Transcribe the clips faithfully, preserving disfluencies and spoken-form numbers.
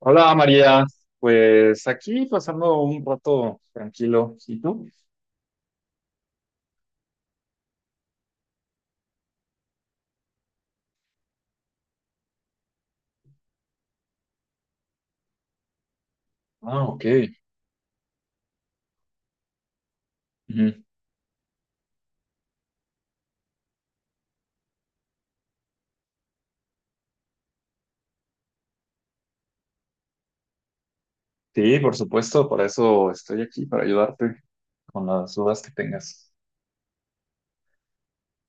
Hola María, pues aquí pasando un rato tranquilo. ¿Y tú? Ah, ok. Ujú. Sí, por supuesto, para eso estoy aquí, para ayudarte con las dudas que tengas.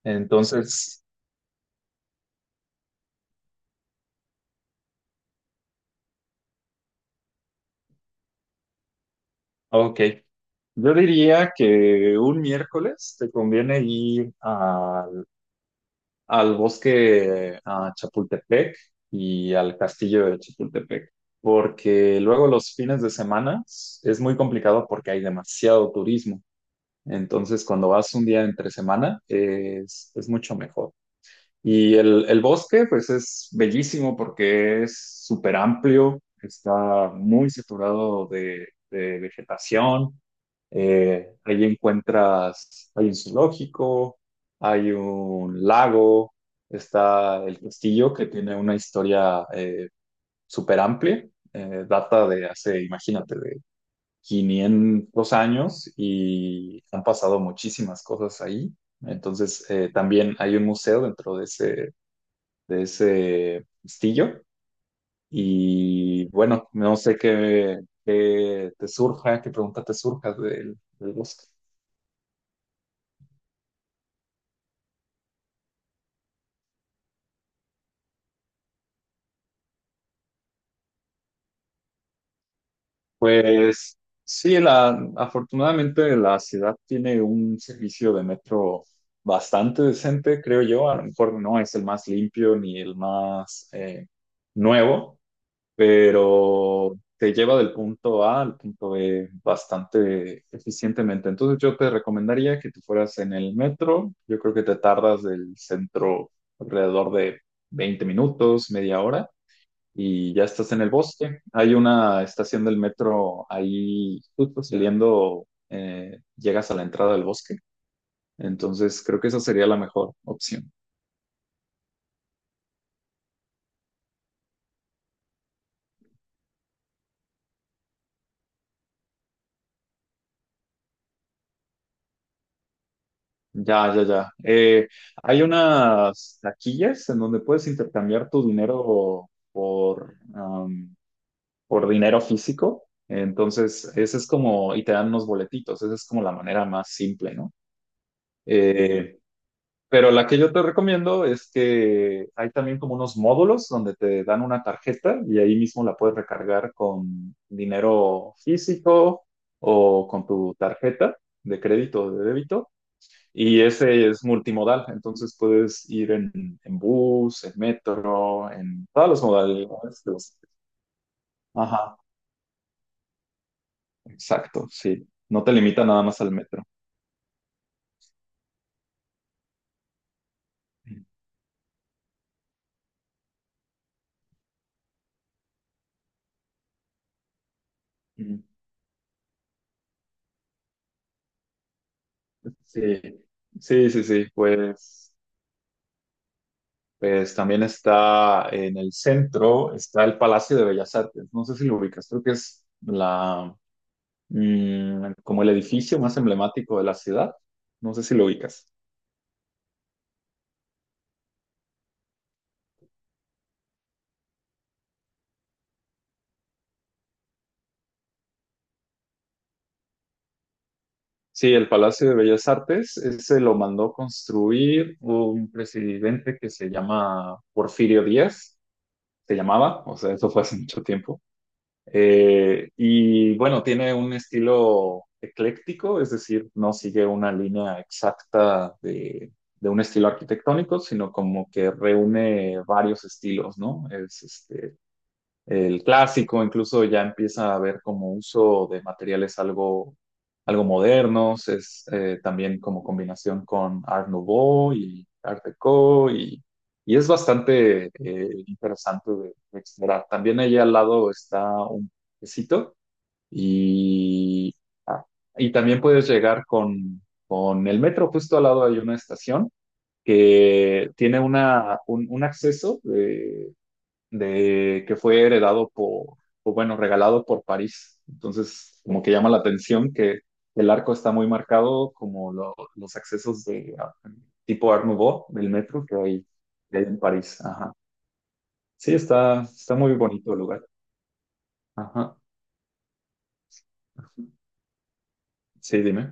Entonces, ok. Yo diría que un miércoles te conviene ir al, al bosque a Chapultepec y al castillo de Chapultepec, porque luego los fines de semana es muy complicado porque hay demasiado turismo. Entonces, cuando vas un día entre semana, es, es mucho mejor. Y el, el bosque, pues es bellísimo porque es súper amplio, está muy saturado de, de vegetación. Eh, ahí encuentras, hay un zoológico, hay un lago, está el castillo que tiene una historia eh, súper amplia, eh, data de hace, imagínate, quinientos años, y han pasado muchísimas cosas ahí. Entonces, eh, también hay un museo dentro de ese, de ese castillo. Y bueno, no sé qué, qué te surja, qué pregunta te surja del, del bosque. Pues sí, la, afortunadamente la ciudad tiene un servicio de metro bastante decente, creo yo. A lo mejor no es el más limpio ni el más eh, nuevo, pero te lleva del punto A al punto B bastante eficientemente. Entonces yo te recomendaría que tú fueras en el metro. Yo creo que te tardas del centro alrededor de veinte minutos, media hora, y ya estás en el bosque. Hay una estación del metro ahí justo saliendo, eh, llegas a la entrada del bosque. Entonces creo que esa sería la mejor opción. Ya, ya, ya. Eh, hay unas taquillas en donde puedes intercambiar tu dinero por, am, por dinero físico. Entonces, ese es como, y te dan unos boletitos, esa es como la manera más simple, ¿no? Eh, pero la que yo te recomiendo es que hay también como unos módulos donde te dan una tarjeta y ahí mismo la puedes recargar con dinero físico o con tu tarjeta de crédito o de débito. Y ese es multimodal, entonces puedes ir en, en bus, en metro, en todas las modalidades de los- Ajá, exacto, sí. No te limita nada más al metro. Ujú. Sí, sí, sí, sí. Pues, pues también está en el centro, está el Palacio de Bellas Artes. No sé si lo ubicas, creo que es la, mm, como el edificio más emblemático de la ciudad. No sé si lo ubicas. Sí, el Palacio de Bellas Artes, ese lo mandó construir un presidente que se llama Porfirio Díaz, se llamaba, o sea, eso fue hace mucho tiempo. Eh, y bueno, tiene un estilo ecléctico, es decir, no sigue una línea exacta de, de un estilo arquitectónico, sino como que reúne varios estilos, ¿no? Es este, el clásico, incluso ya empieza a haber como uso de materiales algo, algo modernos, es eh, también como combinación con Art Nouveau y Art Deco y, y es bastante eh, interesante de, de explorar. También allí al lado está un quesito y, ah, y también puedes llegar con, con el metro, justo al lado hay una estación que tiene una, un, un acceso de que fue heredado por, o bueno, regalado por París. Entonces, como que llama la atención que el arco está muy marcado, como lo- los accesos de ah, tipo Art Nouveau del metro que hay, que hay en París. Ajá. Sí, está, está muy bonito el lugar. Ajá. Sí, dime.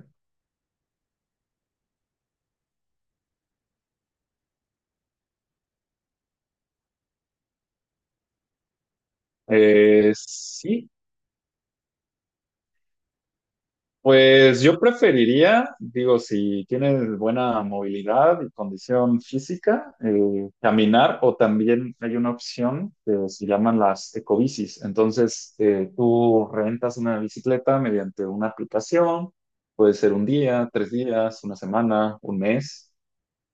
Eh, sí, Pues yo preferiría, digo, si tienes buena movilidad y condición física, eh, caminar, o también hay una opción que se llaman las ecobicis. Entonces, eh, tú rentas una bicicleta mediante una aplicación, puede ser un día, tres días, una semana, un mes,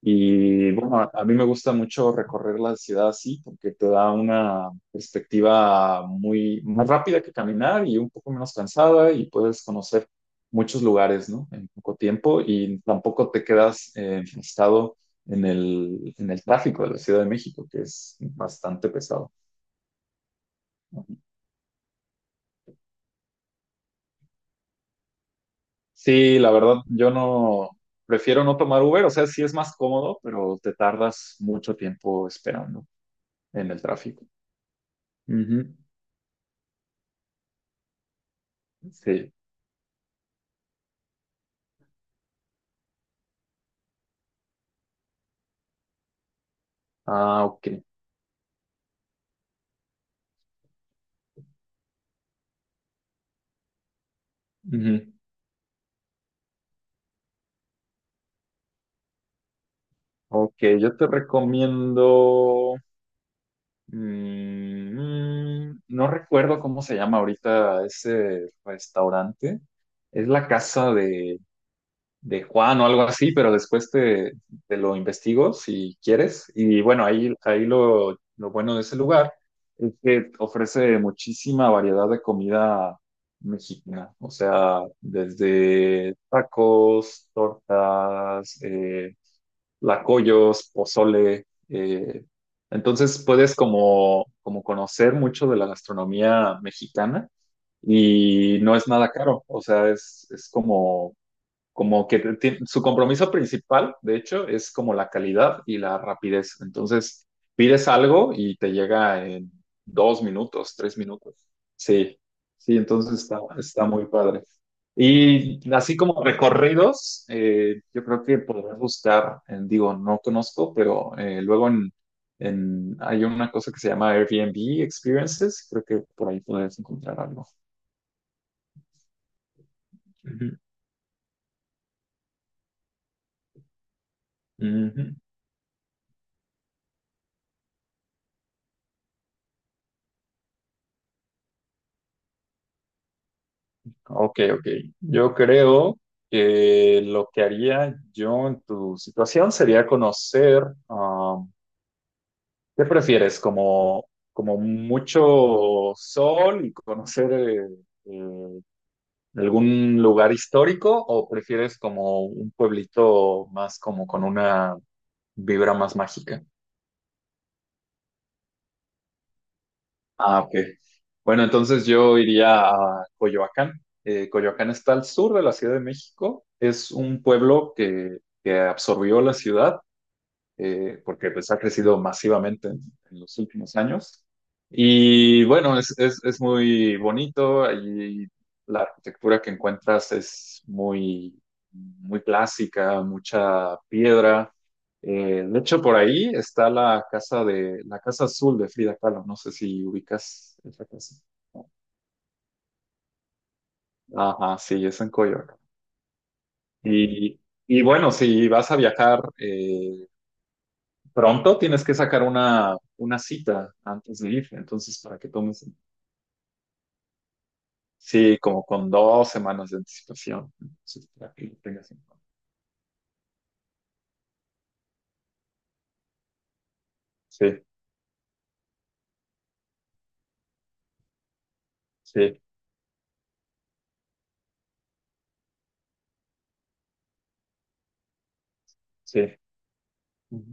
y bueno, a, a mí me gusta mucho recorrer la ciudad así porque te da una perspectiva muy más rápida que caminar y un poco menos cansada y puedes conocer muchos lugares, ¿no? En poco tiempo y tampoco te quedas eh, enfrascado en el, en el tráfico de la Ciudad de México, que es bastante pesado. ¿No? Sí, la verdad, yo no prefiero no tomar Uber, o sea, sí es más cómodo, pero te tardas mucho tiempo esperando en el tráfico. Ujú. Sí. Ah, ok. Ujú. Ok, yo te recomiendo. Mm, no recuerdo cómo se llama ahorita ese restaurante. Es la casa de, de Juan o algo así, pero después te, te lo investigo si quieres. Y bueno, ahí, ahí lo, lo bueno de ese lugar es que ofrece muchísima variedad de comida mexicana. O sea, desde tacos, tortas, eh, lacoyos, pozole. Eh, entonces puedes como, como conocer mucho de la gastronomía mexicana y no es nada caro, o sea, es, es como como que ti- su compromiso principal, de hecho, es como la calidad y la rapidez. Entonces, pides algo y te llega en dos minutos, tres minutos. Sí, sí, entonces está, está muy padre. Y así como recorridos, eh, yo creo que podrás buscar, eh, digo, no conozco, pero eh, luego en, en- hay una cosa que se llama Airbnb Experiences, creo que por ahí podrás encontrar algo. Ujú, ujú. Ok, ok. Yo creo que lo que haría yo en tu situación sería conocer, ah, ¿qué prefieres? Como, como mucho sol y conocer eh, eh, algún lugar histórico, o prefieres como un pueblito más como con una vibra más mágica? Ah, ok. Bueno, entonces yo iría a Coyoacán. Eh, Coyoacán está al sur de la Ciudad de México. Es un pueblo que, que absorbió la ciudad eh, porque pues ha crecido masivamente en, en los últimos años. Y bueno, es, es, es muy bonito, ahí la arquitectura que encuentras es muy, muy clásica, mucha piedra. Eh, de hecho, por ahí está la casa de la casa azul de Frida Kahlo. No sé si ubicas esa casa. Ajá, sí, es en Coyoacán. Y, y bueno, si vas a viajar, eh, pronto tienes que sacar una, una cita antes de ir, entonces para que tomes, sí, como con dos semanas de anticipación, entonces, para que lo tengas en cuenta. Sí, sí, sí. Ujú.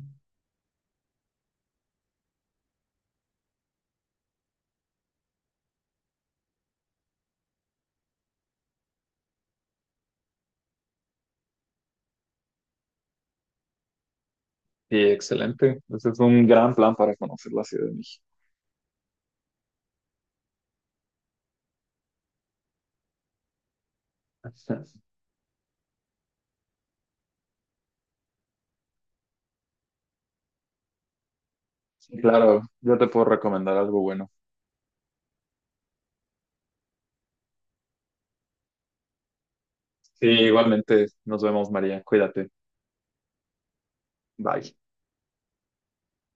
Sí, excelente. Ese es un gran plan para conocer la Ciudad de México. Sí, claro, yo te puedo recomendar algo bueno. Sí, igualmente, nos vemos, María. Cuídate. Bye.